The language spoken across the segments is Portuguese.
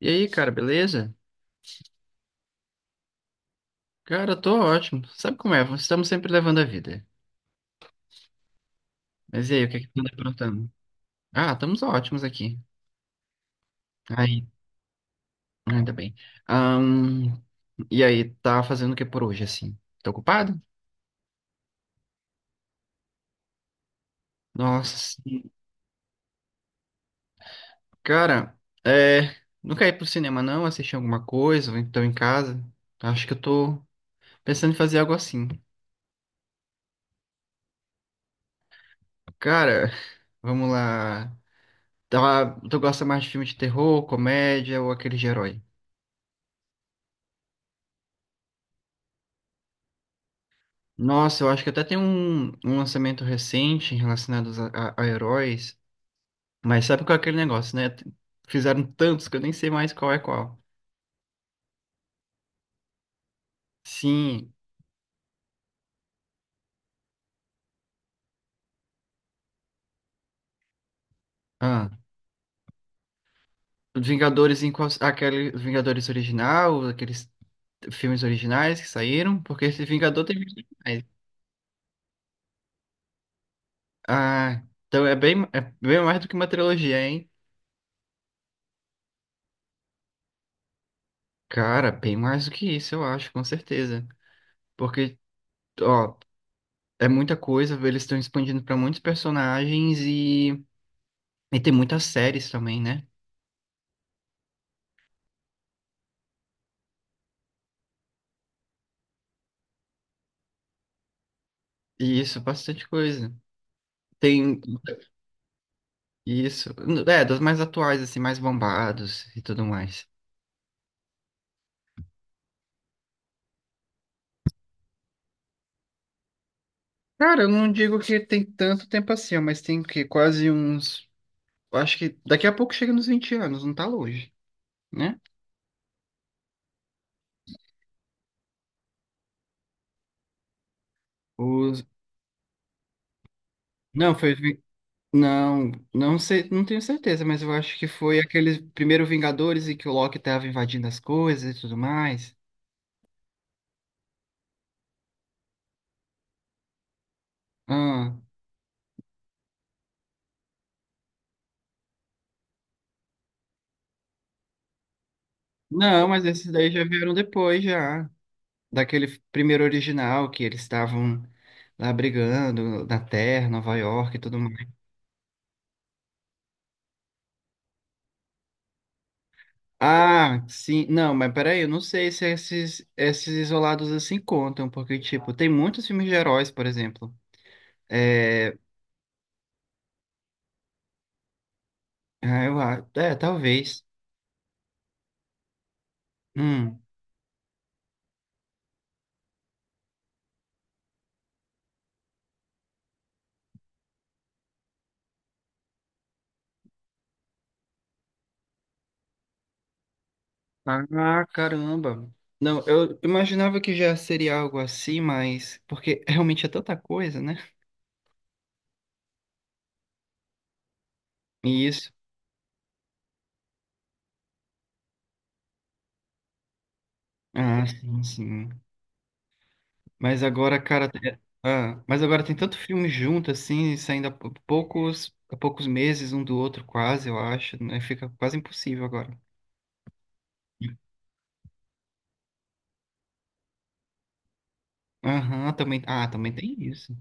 E aí, cara, beleza? Cara, eu tô ótimo. Sabe como é? Estamos sempre levando a vida. Mas e aí, o que é que tu anda aprontando? Ah, estamos ótimos aqui. Aí, ainda bem. Ahn, e aí, tá fazendo o que por hoje, assim? Tô ocupado? Nossa, sim. Cara, é... Não quer ir pro cinema, não? Assistir alguma coisa? Ou então em casa? Acho que eu tô pensando em fazer algo assim. Cara, vamos lá. Tá, tu gosta mais de filme de terror, comédia ou aquele de herói? Nossa, eu acho que até tem um lançamento recente relacionado a heróis, mas sabe qual é aquele negócio, né? Fizeram tantos que eu nem sei mais qual é qual. Sim, ah, os Vingadores em qual, aquele Vingadores original, aqueles filmes originais que saíram, porque esse Vingador tem filmes originais. Ah, então é bem mais do que uma trilogia, hein? Cara, bem mais do que isso, eu acho, com certeza. Porque, ó, é muita coisa, eles estão expandindo para muitos personagens e tem muitas séries também, né? E isso, bastante coisa. Tem isso. É, dos mais atuais, assim, mais bombados e tudo mais. Cara, eu não digo que tem tanto tempo assim, ó, mas tem que quase uns. Acho que daqui a pouco chega nos 20 anos, não tá longe, né? Os... Não, foi. Não, não sei, não tenho certeza, mas eu acho que foi aqueles primeiros Vingadores e que o Loki tava invadindo as coisas e tudo mais. Ah, não, mas esses daí já vieram depois, já. Daquele primeiro original que eles estavam lá brigando na Terra, Nova York e tudo mais. Ah, sim. Não, mas peraí, eu não sei se esses isolados assim contam, porque, tipo, tem muitos filmes de heróis, por exemplo. É, ah, é, talvez. Hum. Ah, caramba. Não, eu imaginava que já seria algo assim, mas porque realmente é tanta coisa, né? E isso. Ah, sim, sim. Mas agora, cara, ah, mas agora tem tanto filme junto, assim, saindo poucos, há poucos meses um do outro, quase, eu acho, né? Fica quase impossível agora. Aham, também. Ah, também tem isso.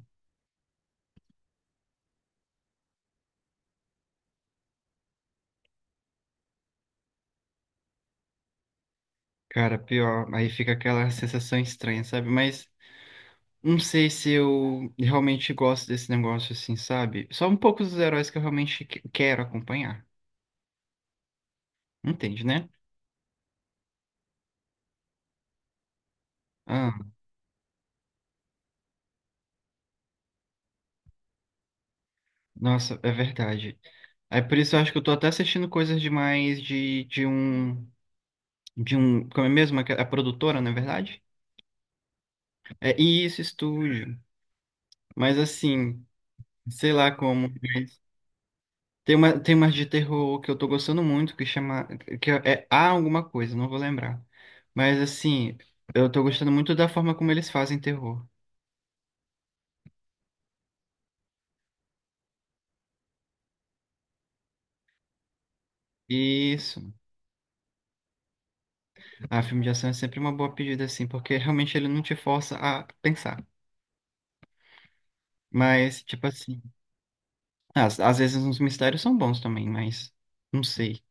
Cara, pior. Aí fica aquela sensação estranha, sabe? Mas não sei se eu realmente gosto desse negócio, assim, sabe? Só um pouco dos heróis que eu realmente quero acompanhar. Entende, né? Ah, nossa, é verdade. É por isso eu acho que eu tô até assistindo coisas demais de um. De um, como é mesmo, a produtora, na verdade? É isso, estúdio. Mas assim, sei lá como. Mas tem tem umas de terror que eu tô gostando muito, que chama, que é Há Alguma Coisa, não vou lembrar. Mas assim, eu tô gostando muito da forma como eles fazem terror. Isso. Ah, filme de ação é sempre uma boa pedida, assim, porque realmente ele não te força a pensar. Mas, tipo assim, às vezes os mistérios são bons também, mas não sei.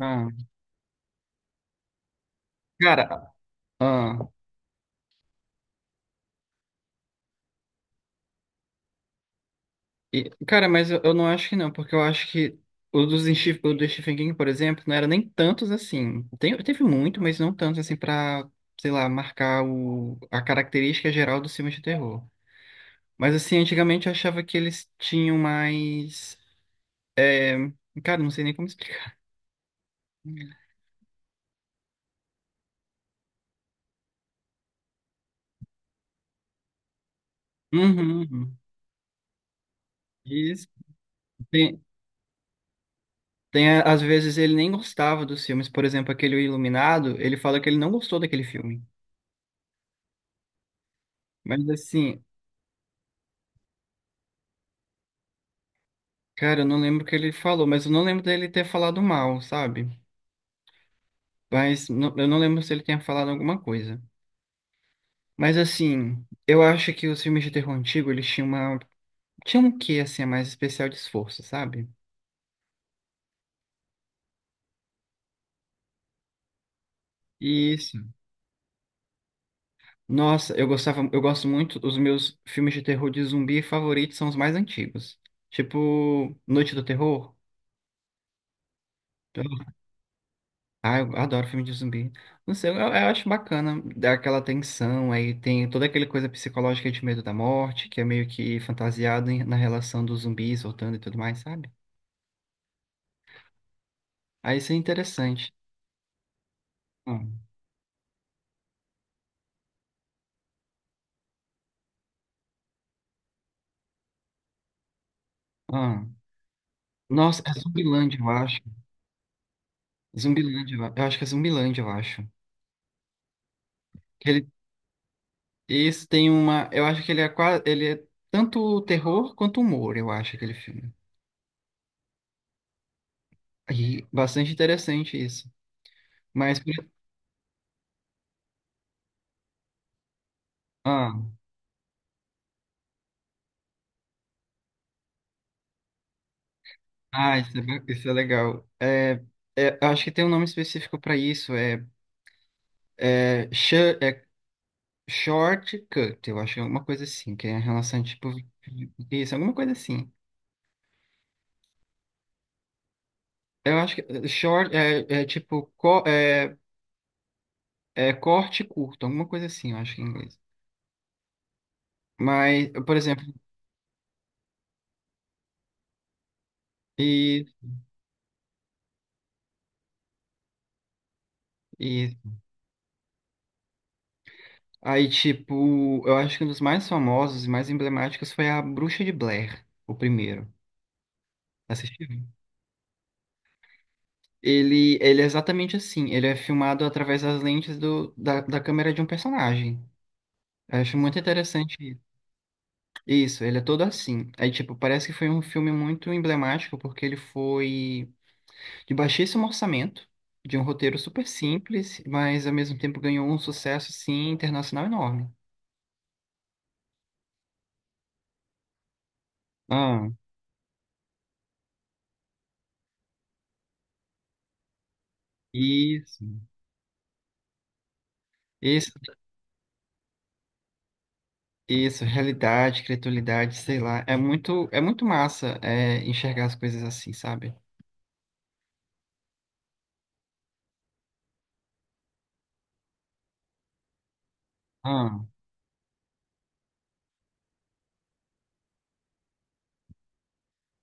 Ah, cara, ah. E, cara, mas eu não acho que não, porque eu acho que o do Stephen King, por exemplo, não era nem tantos assim. Tem, teve muito, mas não tantos assim pra, sei lá, marcar a característica geral dos filmes de terror. Mas assim, antigamente eu achava que eles tinham mais. é, Cara, não sei nem como explicar. Uhum. Uhum. Isso. Tem, tem, às vezes ele nem gostava dos filmes, por exemplo, aquele O Iluminado, ele fala que ele não gostou daquele filme. Mas assim, cara, eu não lembro o que ele falou, mas eu não lembro dele ter falado mal, sabe? Mas eu não lembro se ele tinha falado alguma coisa. Mas assim, eu acho que os filmes de terror antigo, eles tinham uma... Tinham um quê, assim, a mais especial de esforço, sabe? Isso. Nossa, eu gostava, eu gosto muito, os meus filmes de terror de zumbi favoritos são os mais antigos. Tipo, Noite do Terror. Ah, eu adoro filme de zumbi. Não sei, eu acho bacana dá aquela tensão, aí tem toda aquela coisa psicológica de medo da morte, que é meio que fantasiado na relação dos zumbis voltando e tudo mais, sabe? Aí isso é interessante. Ah, ah. Nossa, é Zumbilândia, eu acho. Zumbilândia, eu acho que é Zumbilândia, eu acho. Que ele, esse tem uma, eu acho que ele é quase, ele é tanto terror quanto humor, eu acho, aquele filme. E bastante interessante isso. Mas, por- ah. Ah, isso é legal. É, é, eu acho que tem um nome específico para isso. É, é, sh é Shortcut, eu acho, que é alguma coisa assim, que é em relação tipo isso, alguma coisa assim. Eu acho que é, é tipo é corte curto, alguma coisa assim, eu acho que é em inglês. Mas, por exemplo, e, e aí tipo, eu acho que um dos mais famosos e mais emblemáticos foi a Bruxa de Blair, o primeiro. Assistiu? Ele é exatamente assim. Ele é filmado através das lentes da câmera de um personagem. Eu acho muito interessante isso. Isso, ele é todo assim. Aí, tipo, parece que foi um filme muito emblemático, porque ele foi de baixíssimo orçamento, de um roteiro super simples, mas ao mesmo tempo ganhou um sucesso, assim, internacional enorme. Ah, isso, isso, isso, realidade, criatividade, sei lá. É muito massa, é, enxergar as coisas assim, sabe? Ah,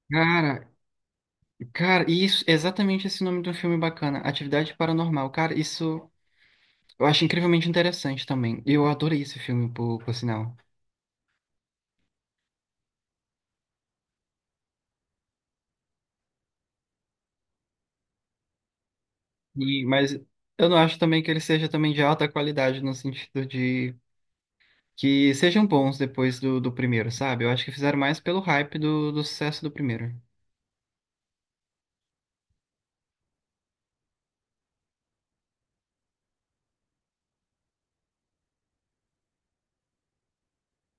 cara, cara, isso, exatamente esse nome de um filme bacana, Atividade Paranormal. Cara, isso eu acho incrivelmente interessante também. Eu adorei esse filme, por sinal. E, mas eu não acho também que ele seja também de alta qualidade, no sentido de que sejam bons depois do primeiro, sabe? Eu acho que fizeram mais pelo hype do sucesso do primeiro.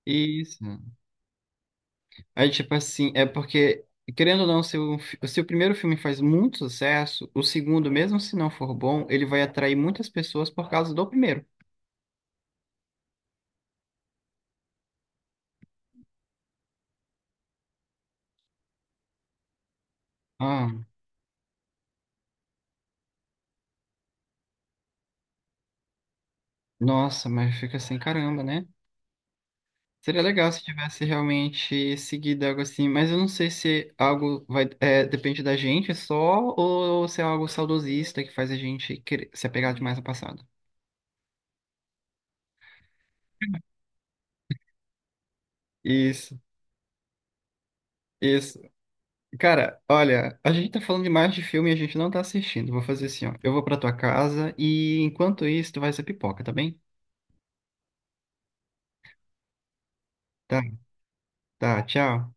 Isso. Aí, tipo assim, é porque, querendo ou não, se o primeiro filme faz muito sucesso, o segundo, mesmo se não for bom, ele vai atrair muitas pessoas por causa do primeiro. Ah. Nossa, mas fica assim, caramba, né? Seria legal se tivesse realmente seguido algo assim, mas eu não sei se algo vai, é, depende da gente só, ou se é algo saudosista que faz a gente querer se apegar demais ao passado. Isso, isso. Cara, olha, a gente tá falando demais de filme e a gente não tá assistindo. Vou fazer assim, ó. Eu vou pra tua casa e enquanto isso, tu vai ser pipoca, tá bem? Tá, tá, tchau.